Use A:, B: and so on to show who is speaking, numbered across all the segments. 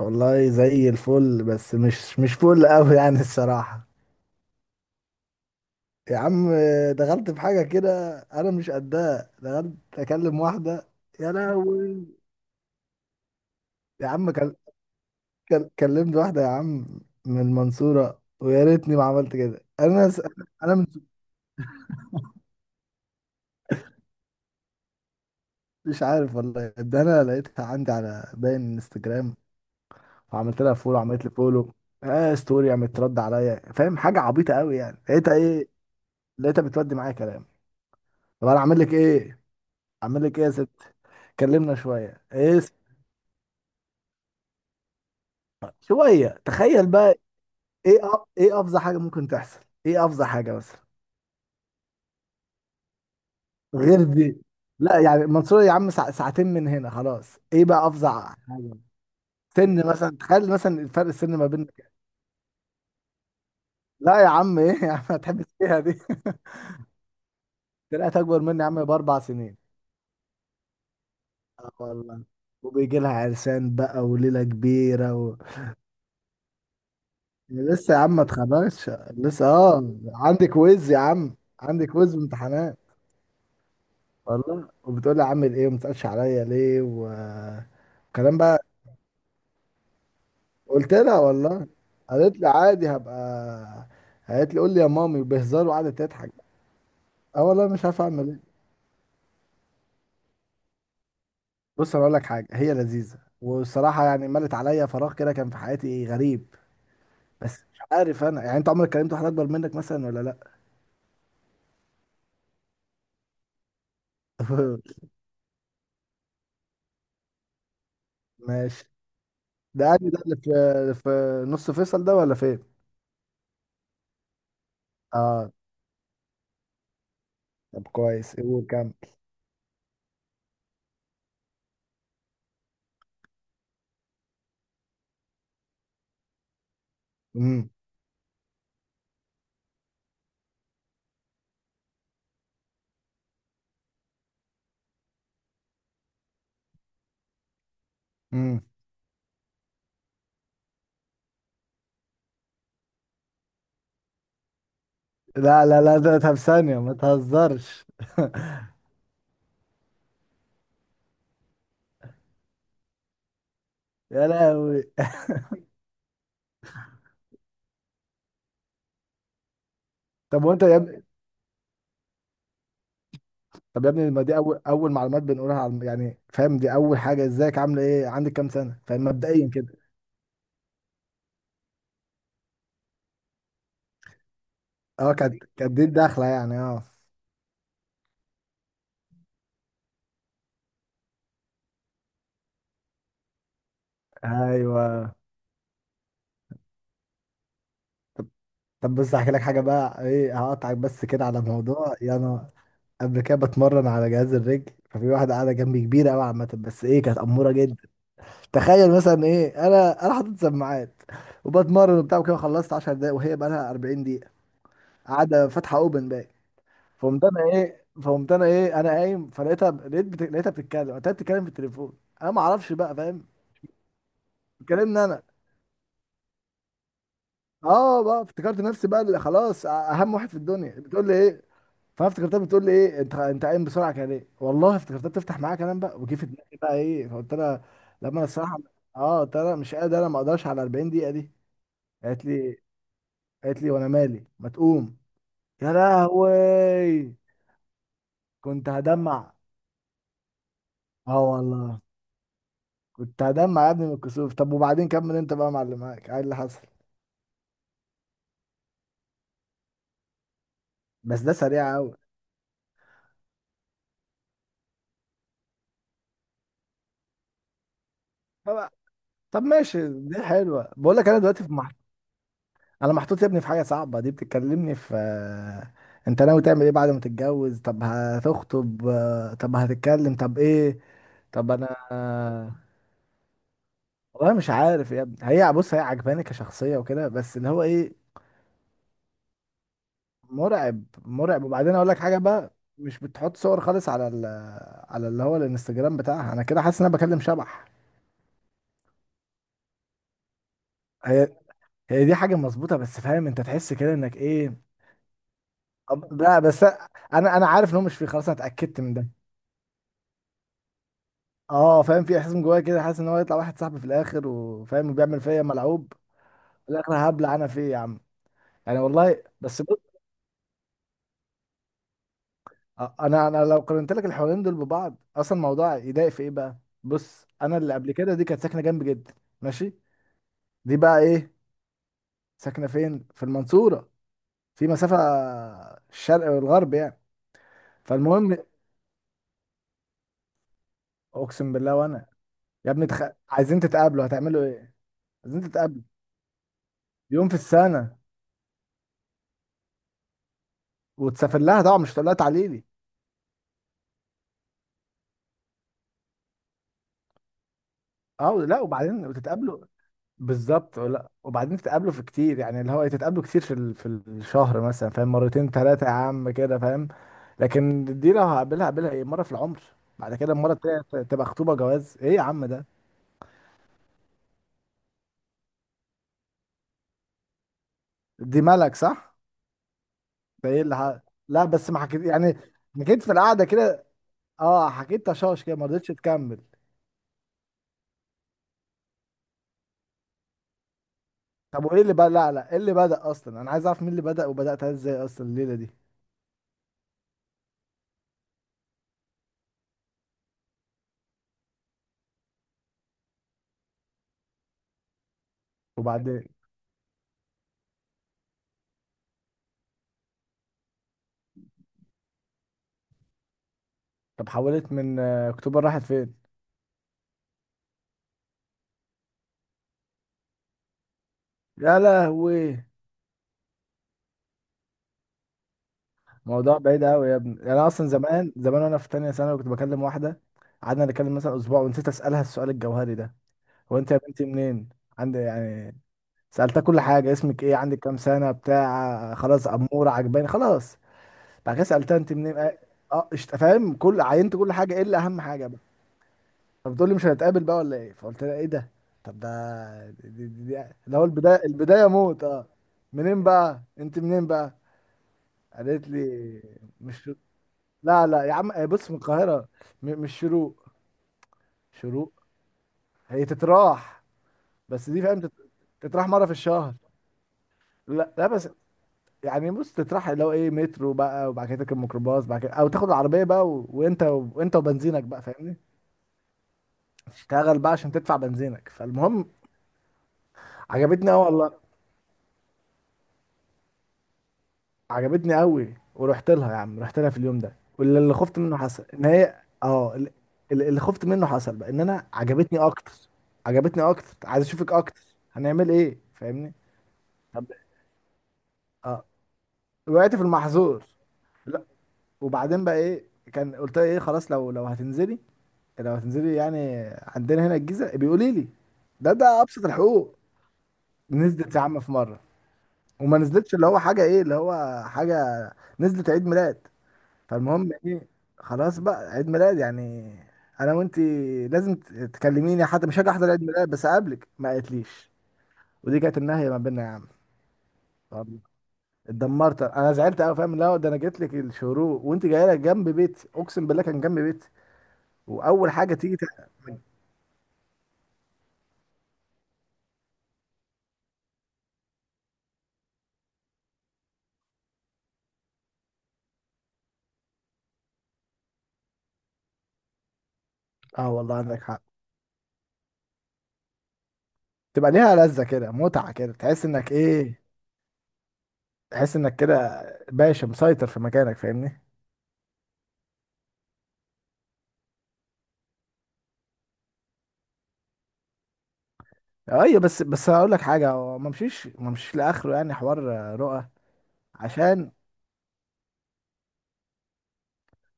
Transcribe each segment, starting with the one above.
A: والله زي الفل، بس مش فل قوي يعني الصراحة. يا عم، دخلت في حاجة كده أنا مش قدها. دخلت أكلم واحدة. يا لهوي. يا عم كلمت واحدة يا عم من المنصورة، ويا ريتني ما عملت كده. أنا س... أنا مش مش عارف والله. ده أنا لقيتها عندي على باين انستجرام، وعملت لها فولو، عملت لي فولو. آه، ستوري عملت ترد عليا، فاهم؟ حاجة عبيطة قوي يعني. لقيتها إيه، لقيتها بتودي معايا كلام. طب أنا أعمل لك إيه؟ اعمل لك ايه يا ست؟ كلمنا شويه. شويه، تخيل بقى. ايه افظع حاجه ممكن تحصل؟ ايه افظع حاجه مثلا غير دي؟ لا يعني المنصوره يا عم ساعتين من هنا، خلاص. ايه بقى افظع حاجه؟ سن مثلا، تخيل مثلا، الفرق السن ما بيننا كام. لا يا عم، ايه يا عم، هتحب فيها دي؟ طلعت اكبر مني يا عم باربع سنين. اه والله. وبيجي لها عرسان بقى وليله كبيره و... لسه يا عم ما اتخرجتش لسه، اه. عندك ويز يا عم، عندك ويز وامتحانات. والله، وبتقول لي عامل ايه وما تسالش عليا ليه وكلام بقى. قلت لها والله. قالت لي عادي، هبقى. قالت لي قول لي يا مامي بهزار، وقعدت تضحك. اه والله مش عارف اعمل ايه. بص انا اقول لك حاجه، هي لذيذه والصراحه يعني ملت عليا، فراغ كده كان في حياتي غريب. بس مش عارف انا يعني. انت عمرك كلمت واحد اكبر منك مثلا ولا لا؟ ماشي. ده قال ده اللي في في نص فيصل ده ولا فين؟ اه طب كويس، قول كمل. امم. لا لا لا ده، طب ثانية ما تهزرش. يا لهوي. طب وانت يا ابني؟ طب يا ابني، ما دي اول اول معلومات بنقولها على يعني فاهم؟ دي اول حاجة، ازيك، عاملة ايه، عندك كام سنة، فاهم؟ مبدئيا كده. اه كانت دي الدخلة يعني، اه. ايوه. طب بص احكي لك حاجة بقى، ايه، هقطعك بس كده على موضوع يعني. انا قبل كده بتمرن على جهاز الرجل، ففي واحدة قاعدة جنبي كبيرة قوي عامة، بس ايه، كانت أمورة جدا. تخيل مثلا ايه، انا حاطط سماعات وبتمرن وبتاع وكده، خلصت 10 دقايق وهي بقى لها 40 دقيقة قاعده فاتحه اوبن بقى. فقمت انا ايه انا قايم، فلقيتها، لقيتها بتتكلم. قلت لها بتتكلم في التليفون، انا ما اعرفش بقى، فاهم؟ بتكلمني انا. اه بقى افتكرت نفسي بقى اللي خلاص اهم واحد في الدنيا، بتقول لي ايه. فانا افتكرتها بتقول لي ايه انت، قايم بسرعه كده ليه، والله افتكرتها بتفتح معايا كلام بقى، وجه في دماغي بقى ايه فقلت لها لما الصراحه، اه قلت لها مش قادر، انا ما اقدرش على 40 دقيقه دي. قالت لي قالت لي وانا مالي، ما تقوم. يا لهوي. كنت هدمع. اه والله كنت هدمع يا ابني من الكسوف. طب وبعدين كمل انت بقى يا معلم، معاك ايه اللي حصل؟ بس ده سريع قوي. طب طب ماشي، دي حلوه. بقول لك انا دلوقتي في انا محطوط يا ابني في حاجه صعبه. دي بتتكلمني في آه، انت ناوي تعمل ايه بعد ما تتجوز، طب هتخطب، آه، طب هتتكلم، طب ايه. طب انا، آه، والله مش عارف يا ابني. هي بص، هي عجباني كشخصيه وكده، بس اللي هو ايه، مرعب. مرعب. وبعدين اقول لك حاجه بقى، مش بتحط صور خالص على على اللي هو الانستجرام بتاعها. انا كده حاسس ان انا بكلم شبح. هي هي دي حاجه مظبوطه، بس فاهم انت، تحس كده انك ايه. أب- لا بس انا انا عارف ان هو مش فيه، خلاص انا اتاكدت من ده. اه فاهم، في احساس من جوايا كده، حاسس ان هو يطلع واحد صاحبي في الاخر، وفاهم بيعمل فيا ملعوب. في الاخر هبلع انا فيه يا عم. يعني والله. بس بص، انا لو قارنت لك الحوارين دول ببعض، اصلا الموضوع يضايق في ايه بقى. بص، انا اللي قبل كده دي كانت ساكنه جنبي جدا. ماشي. دي بقى ايه، ساكنه فين، في المنصوره، في مسافه الشرق والغرب يعني. فالمهم. اقسم بالله. وانا يا ابني عايزين تتقابلوا هتعملوا ايه؟ عايزين تتقابلوا يوم في السنة؟ وتسافر لها طبعا، مش هتقول لها تعالي لي. اه لا، وبعدين وتتقابلوا بالظبط. لا، وبعدين تتقابلوا في كتير يعني اللي هو إيه، تتقابلوا كتير في في الشهر مثلا، فاهم، مرتين ثلاثة يا عم كده، فاهم. لكن دي لو هقابلها هقابلها ايه، مرة في العمر. بعد كده المرة التانية تبقى خطوبة جواز، ايه يا عم ده. دي ملك، صح. ده ايه لا بس ما حكيت يعني. حكيت في القعدة كده. اه حكيت تشاش كده، ما رضيتش تكمل. طب وايه اللي بدأ، لا ايه اللي بدأ اصلا، انا عايز اعرف مين اللي بدأ، وبدأتها ازاي اصلا الليلة دي. وبعدين طب حولت من آه، اكتوبر راحت فين؟ يا لهوي. موضوع بعيد قوي يا ابني يعني. انا اصلا زمان زمان وانا في تانية ثانوي كنت بكلم واحدة، قعدنا نتكلم مثلا اسبوع، ونسيت اسالها السؤال الجوهري ده، هو انت يا بنتي منين؟ عندي يعني. سالتها كل حاجة، اسمك ايه، عندك كام سنة، بتاع، خلاص، امورة، عجباني، خلاص. بعد كده سالتها انت منين، اه، آه، فاهم؟ كل عينت كل حاجة الا اهم حاجة. فبتقول لي مش هنتقابل بقى ولا ايه، فقلت لها ايه ده. طب ده دي اللي هو البدايه، البدايه موت اه. منين بقى، انت منين بقى؟ قالت لي مش، لا لا يا عم، آه، بص من القاهره. مش شروق. شروق. هي تتراح. بس دي فاهم تتراح مره في الشهر. لا لا بس يعني بص، تتراح اللي هو ايه، مترو بقى، وبعد كده تركب ميكروباص، بعد كده او تاخد العربيه بقى و... وانت وبنزينك بقى، فاهمني. تشتغل بقى عشان تدفع بنزينك. فالمهم، عجبتني قوي والله. عجبتني قوي، ورحت لها يا عم، رحت لها في اليوم ده، واللي خفت منه حصل. ان هي اه اللي اللي خفت منه حصل بقى، ان انا عجبتني اكتر. عجبتني اكتر، عايز اشوفك اكتر، هنعمل ايه، فاهمني. طب اه، وقعت في المحظور. لا وبعدين بقى ايه، كان قلت لها ايه، خلاص لو هتنزلي، لو هتنزلي يعني، عندنا هنا الجيزه بيقولي لي، ده ابسط الحقوق. نزلت يا عم في مره، وما نزلتش اللي هو حاجه ايه اللي هو حاجه، نزلت عيد ميلاد. فالمهم ايه، خلاص بقى عيد ميلاد يعني، انا وانتي لازم تكلميني حتى، مش هاجي احضر عيد ميلاد بس اقابلك، ما قالتليش. ودي كانت النهايه ما بيننا يا عم. والله اتدمرت انا، زعلت قوي، فاهم، لا ده انا جيت لك الشروق وانت جايه لك جنب بيتي، اقسم بالله كان جنب بيتي. واول حاجه تيجي اه والله عندك حق. تبقى ليها لذه كده، متعه كده، تحس انك ايه، تحس انك كده باشا مسيطر في مكانك، فاهمني. ايوه بس، هقول لك حاجه، هو ما مشيش لاخره يعني حوار رؤى. عشان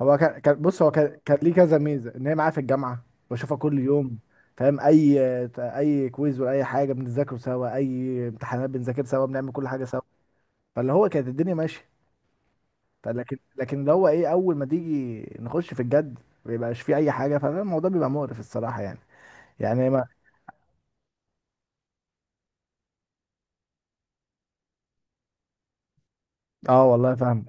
A: هو كان بص، هو كان ليه كذا ميزه، ان هي معايا في الجامعه، بشوفها كل يوم، فاهم؟ اي اي كويز، ولا اي حاجه بنذاكره سوا، اي امتحانات بنذاكر سوا، بنعمل كل حاجه سوا. فاللي هو كانت الدنيا ماشيه. لكن اللي هو ايه، اول ما تيجي نخش في الجد، ما بيبقاش فيه اي حاجه، فالموضوع بيبقى مقرف الصراحه يعني. يعني ما. اه والله فاهم.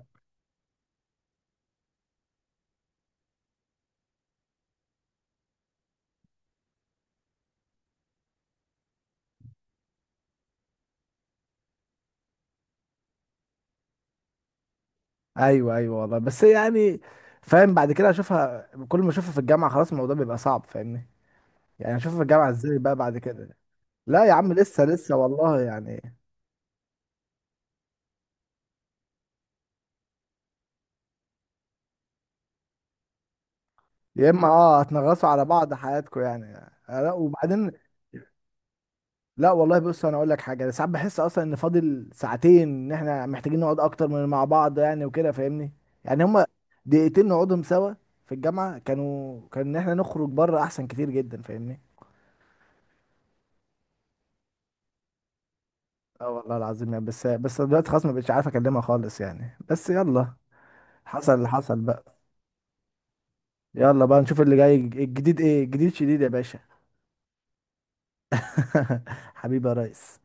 A: ايوه ايوه والله، بس يعني فاهم، بعد كده اشوفها كل ما اشوفها في الجامعه، خلاص الموضوع بيبقى صعب، فاهمني. يعني اشوفها في الجامعه ازاي بقى بعد كده. لا يا عم، لسه لسه والله يعني. يا اما اه هتنغصوا على بعض حياتكم يعني. آه، لا وبعدين، لا والله بص انا اقول لك حاجه، أنا ساعات بحس اصلا ان فاضل ساعتين، ان احنا محتاجين نقعد اكتر من مع بعض يعني وكده، فاهمني. يعني هما دقيقتين نقعدهم سوا في الجامعه، كانوا كان، ان احنا نخرج بره احسن كتير جدا، فاهمني. اه والله العظيم يعني، بس بس دلوقتي خلاص ما بقتش عارف اكلمها خالص يعني، بس يلا، حصل اللي حصل بقى، يلا بقى نشوف اللي جاي، الجديد ايه، الجديد شديد يا باشا. حبيبي يا ريس.